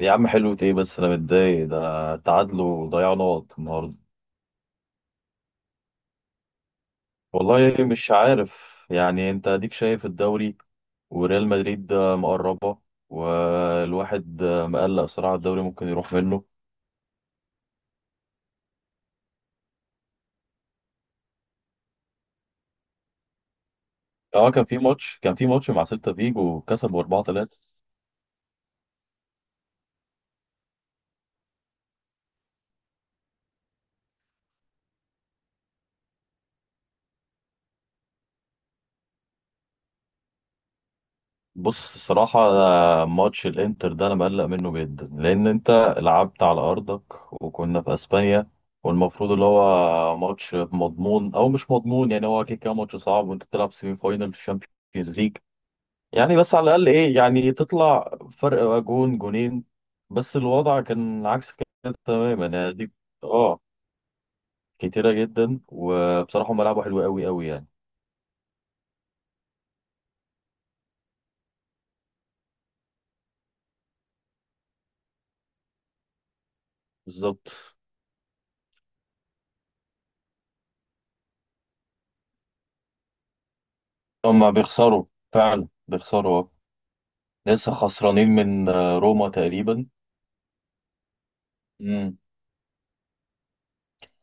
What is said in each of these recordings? يا عم حلو ايه؟ بس انا متضايق ده تعادلوا وضيعوا نقط النهارده. والله مش عارف، يعني انت اديك شايف الدوري وريال مدريد مقربة، والواحد مقلق صراحة الدوري ممكن يروح منه. اه، كان في ماتش مع سيلتا فيجو كسبوا 4-3. بص الصراحة، ماتش الانتر ده انا مقلق منه جدا، لان انت لعبت على ارضك وكنا في اسبانيا، والمفروض اللي هو ماتش مضمون او مش مضمون، يعني هو كده كده ماتش صعب وانت بتلعب سيمي فاينل في الشامبيونز ليج. يعني بس على الاقل ايه، يعني تطلع فرق جون جونين، بس الوضع كان عكس كده تماما يعني دي. اه كتيرة جدا، وبصراحة هم لعبوا حلو قوي قوي يعني. بالظبط. هم بيخسروا، فعلا بيخسروا. لسه خسرانين من روما تقريبا. امم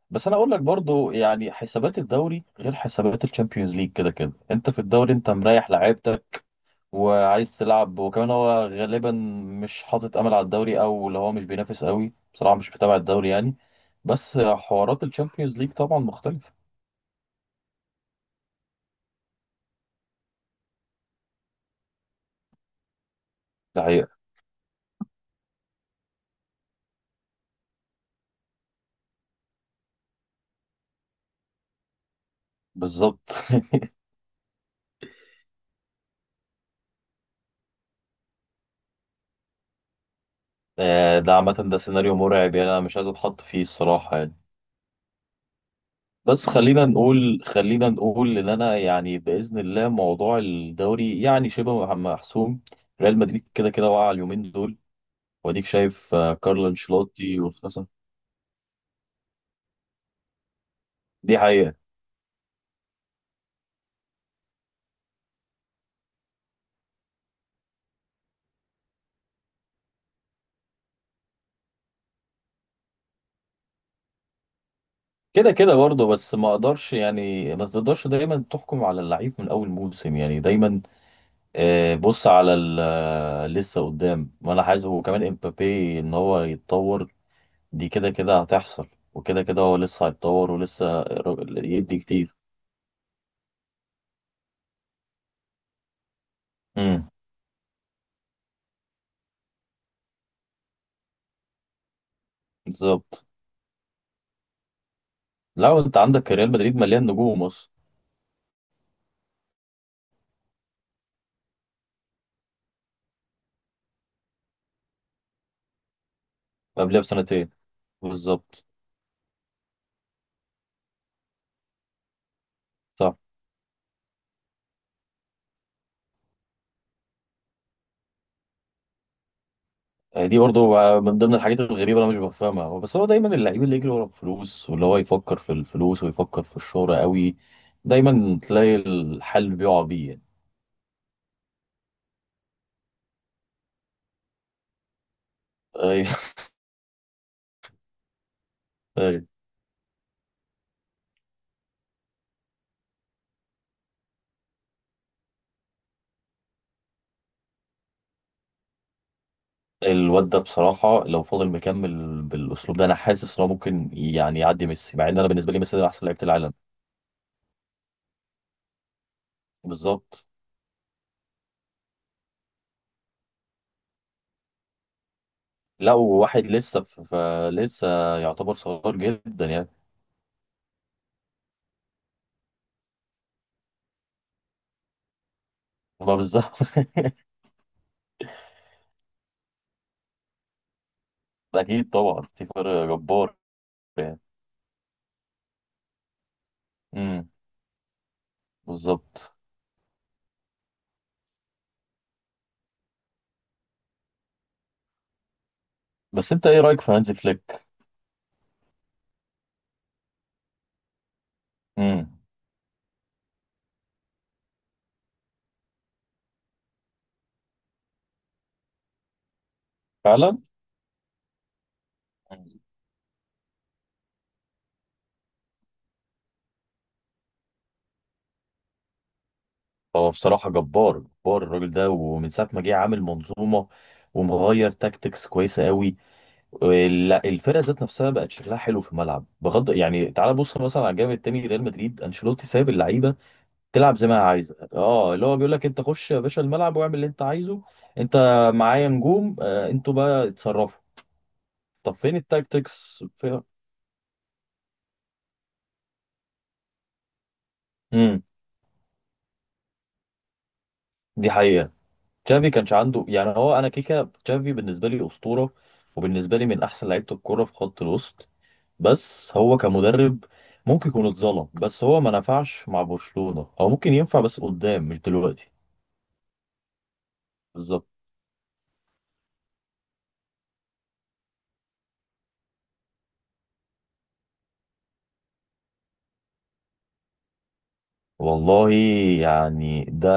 بس انا اقول لك برضو، يعني حسابات الدوري غير حسابات الشامبيونز ليج، كده كده انت في الدوري انت مريح لعيبتك وعايز تلعب، وكمان هو غالبا مش حاطط امل على الدوري، او اللي هو مش بينافس قوي، بصراحة مش متابع الدوري يعني. بس حوارات الشامبيونز ليج طبعا مختلفة. ده حقيقة. بالظبط. ده عامة ده سيناريو مرعب، يعني انا مش عايز اتحط فيه الصراحة يعني. بس خلينا نقول ان انا، يعني باذن الله موضوع الدوري يعني شبه محسوم. ريال مدريد كده كده وقع اليومين دول، واديك شايف كارلو انشيلوتي والخسارة. دي حقيقه. كده كده برضه، بس ما اقدرش، يعني ما تقدرش دايما تحكم على اللعيب من اول موسم، يعني دايما بص على لسه قدام، وانا عايز هو كمان امبابي ان هو يتطور. دي كده كده هتحصل، وكده كده هو لسه هيتطور ولسه يدي كتير. امم. بالظبط. لا، انت عندك ريال مدريد مليان نجوم اصلا. قبلها بسنتين. بالظبط. صح. دي برضه من ضمن الحاجات الغريبه اللي انا مش بفهمها، هو بس هو دايما اللعيب اللي يجري ورا الفلوس، واللي هو يفكر في الفلوس ويفكر في الشهره قوي، دايما تلاقي الحل بيقع بيه يعني. ايوه. ايوه. الواد ده بصراحه لو فضل مكمل بالاسلوب ده، انا حاسس ان هو ممكن يعني يعدي ميسي، مع ان انا بالنسبه لي ميسي ده احسن لعيبه العالم. بالظبط. لا، وواحد لسه يعتبر صغير جدا يعني. ما بالظبط. اكيد طبعا في فرق جبار يعني. امم. بالظبط. بس انت ايه رايك في هانز فليك؟ امم. فعلا. مم. هو بصراحه جبار جبار الراجل ده، ومن ساعه ما جه عامل منظومه، ومغير تاكتكس كويسه قوي. الفرقه ذات نفسها بقت شكلها حلو في الملعب، بغض يعني. تعال بص مثلا على الجانب التاني، ريال مدريد انشيلوتي سايب اللعيبه تلعب زي ما هي عايزه. اه، اللي هو بيقول لك انت خش يا باشا الملعب واعمل اللي انت عايزه، انت معايا نجوم، آه انتوا بقى اتصرفوا. طب فين التاكتكس؟ امم. دي حقيقة. تشافي كانش عنده، يعني هو انا كيكا، تشافي بالنسبة لي أسطورة، وبالنسبة لي من احسن لعيبة الكورة في خط الوسط، بس هو كمدرب ممكن يكون اتظلم، بس هو ما نفعش مع برشلونة، هو ممكن ينفع بس قدام مش دلوقتي. بالظبط. والله، يعني ده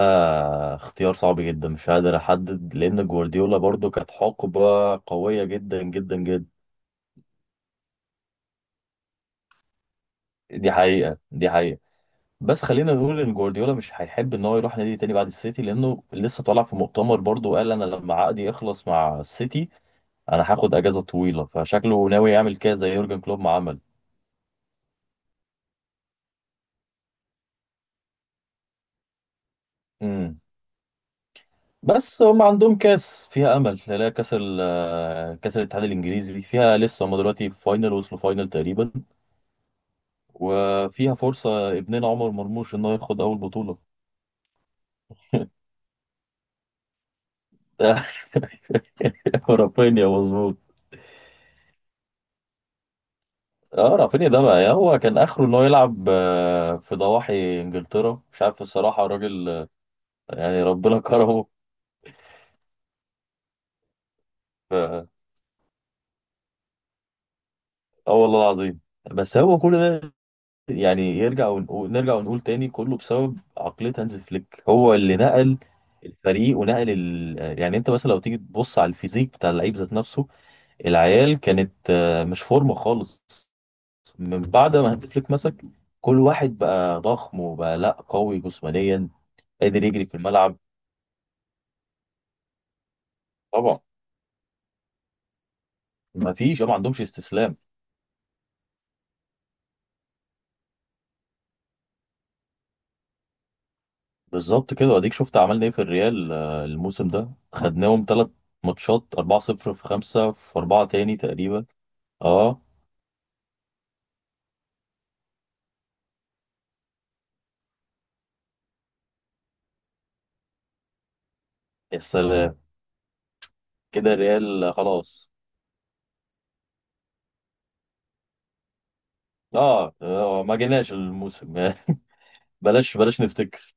اختيار صعب جدا مش قادر احدد، لان جوارديولا برضو كانت حقبة قوية جدا جدا جدا. دي حقيقة، دي حقيقة. بس خلينا نقول ان جوارديولا مش هيحب ان هو يروح نادي تاني بعد السيتي، لانه لسه طالع في مؤتمر برضه قال انا لما عقدي يخلص مع السيتي انا هاخد اجازه طويله، فشكله ناوي يعمل كده زي يورجن كلوب ما عمل. امم. بس هم عندهم كاس فيها امل، لا كاس ال آه، كاس الاتحاد الانجليزي فيها لسه، هم دلوقتي في فاينل، وصلوا فاينل تقريبا، وفيها فرصه ابننا عمر مرموش انه ياخد اول بطوله. رافينيا مظبوط. اه، رافينيا ده بقى، يعني هو كان اخره ان هو يلعب في ضواحي انجلترا مش عارف، الصراحه الراجل آه، يعني ربنا كرمه. ف- اه والله العظيم. بس هو كل ده، يعني يرجع ونقول، نرجع ونقول تاني كله بسبب عقليه هانز فليك، هو اللي نقل الفريق ونقل ال... يعني انت مثلا لو تيجي تبص على الفيزيك بتاع اللعيب ذات نفسه، العيال كانت مش فورمه خالص، من بعد ما هانز فليك مسك كل واحد بقى ضخم وبقى لا قوي جسمانيا قادر يجري في الملعب. طبعا. ما عندهمش استسلام. بالظبط كده. واديك شفت عملنا ايه في الريال الموسم ده خدناهم 3 ماتشات 4-0، في 5-4 تاني تقريبا. اه. يا سلام، كده الريال خلاص. اه ما جيناش الموسم. بلاش بلاش نفتكر.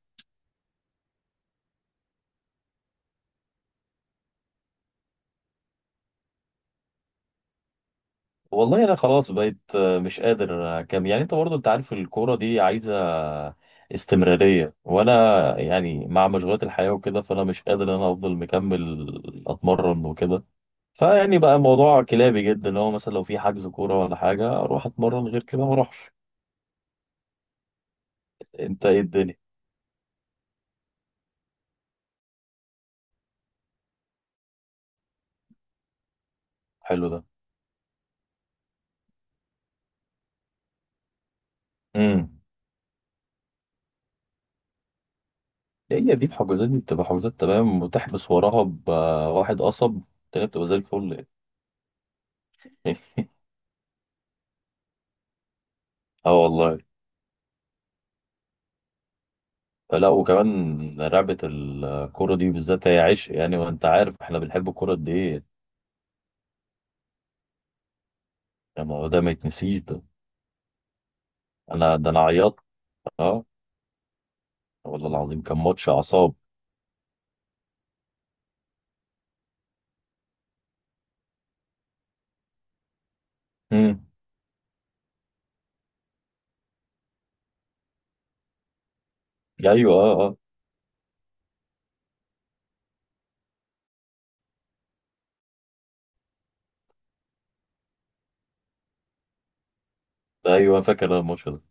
والله انا خلاص بقيت مش قادر كام، يعني انت برضه انت عارف الكورة دي عايزة استمرارية، وانا يعني مع مشغولات الحياة وكده، فانا مش قادر ان انا افضل مكمل اتمرن وكده. فيعني بقى الموضوع كلابي جدا، اللي هو مثلا لو في حجز كورة ولا حاجة أروح أتمرن، غير كده ما أروحش. أنت إيه الدنيا؟ حلو ده. امم. هي دي الحجوزات، دي بتبقى حجوزات تمام وتحبس وراها بواحد قصب، التانية بتبقى زي الفل يعني. اه والله. فلا، وكمان لعبة الكورة دي بالذات هي عشق يعني، وأنت عارف إحنا بنحب الكورة قد إيه. يعني ما هو ده ما يتنسيش ده. أنا عيطت. أه والله العظيم كان ماتش أعصاب. امم. أيوه. أه. أه. ده أيوه فاكر الماتش ده.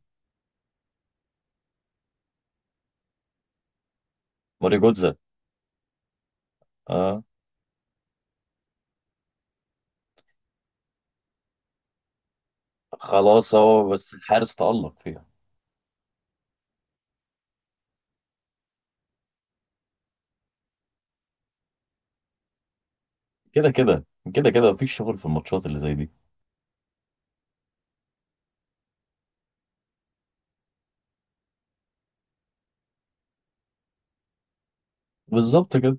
ماري جوتزا. أه. خلاص اهو، بس الحارس تألق فيها. كده كده كده كده مفيش شغل في الماتشات اللي زي دي. بالظبط كده.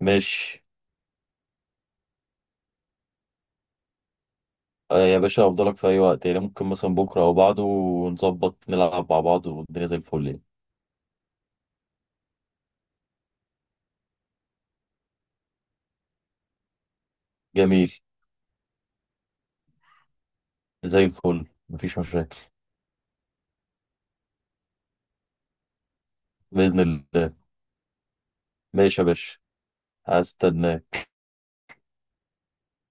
ماشي. آه يا باشا، افضلك في اي وقت، يعني ممكن مثلا بكره او بعده نظبط نلعب مع بعض والدنيا زي الفل يعني. جميل، زي الفل مفيش مشاكل. بإذن الله. ماشي يا باشا. هستناك.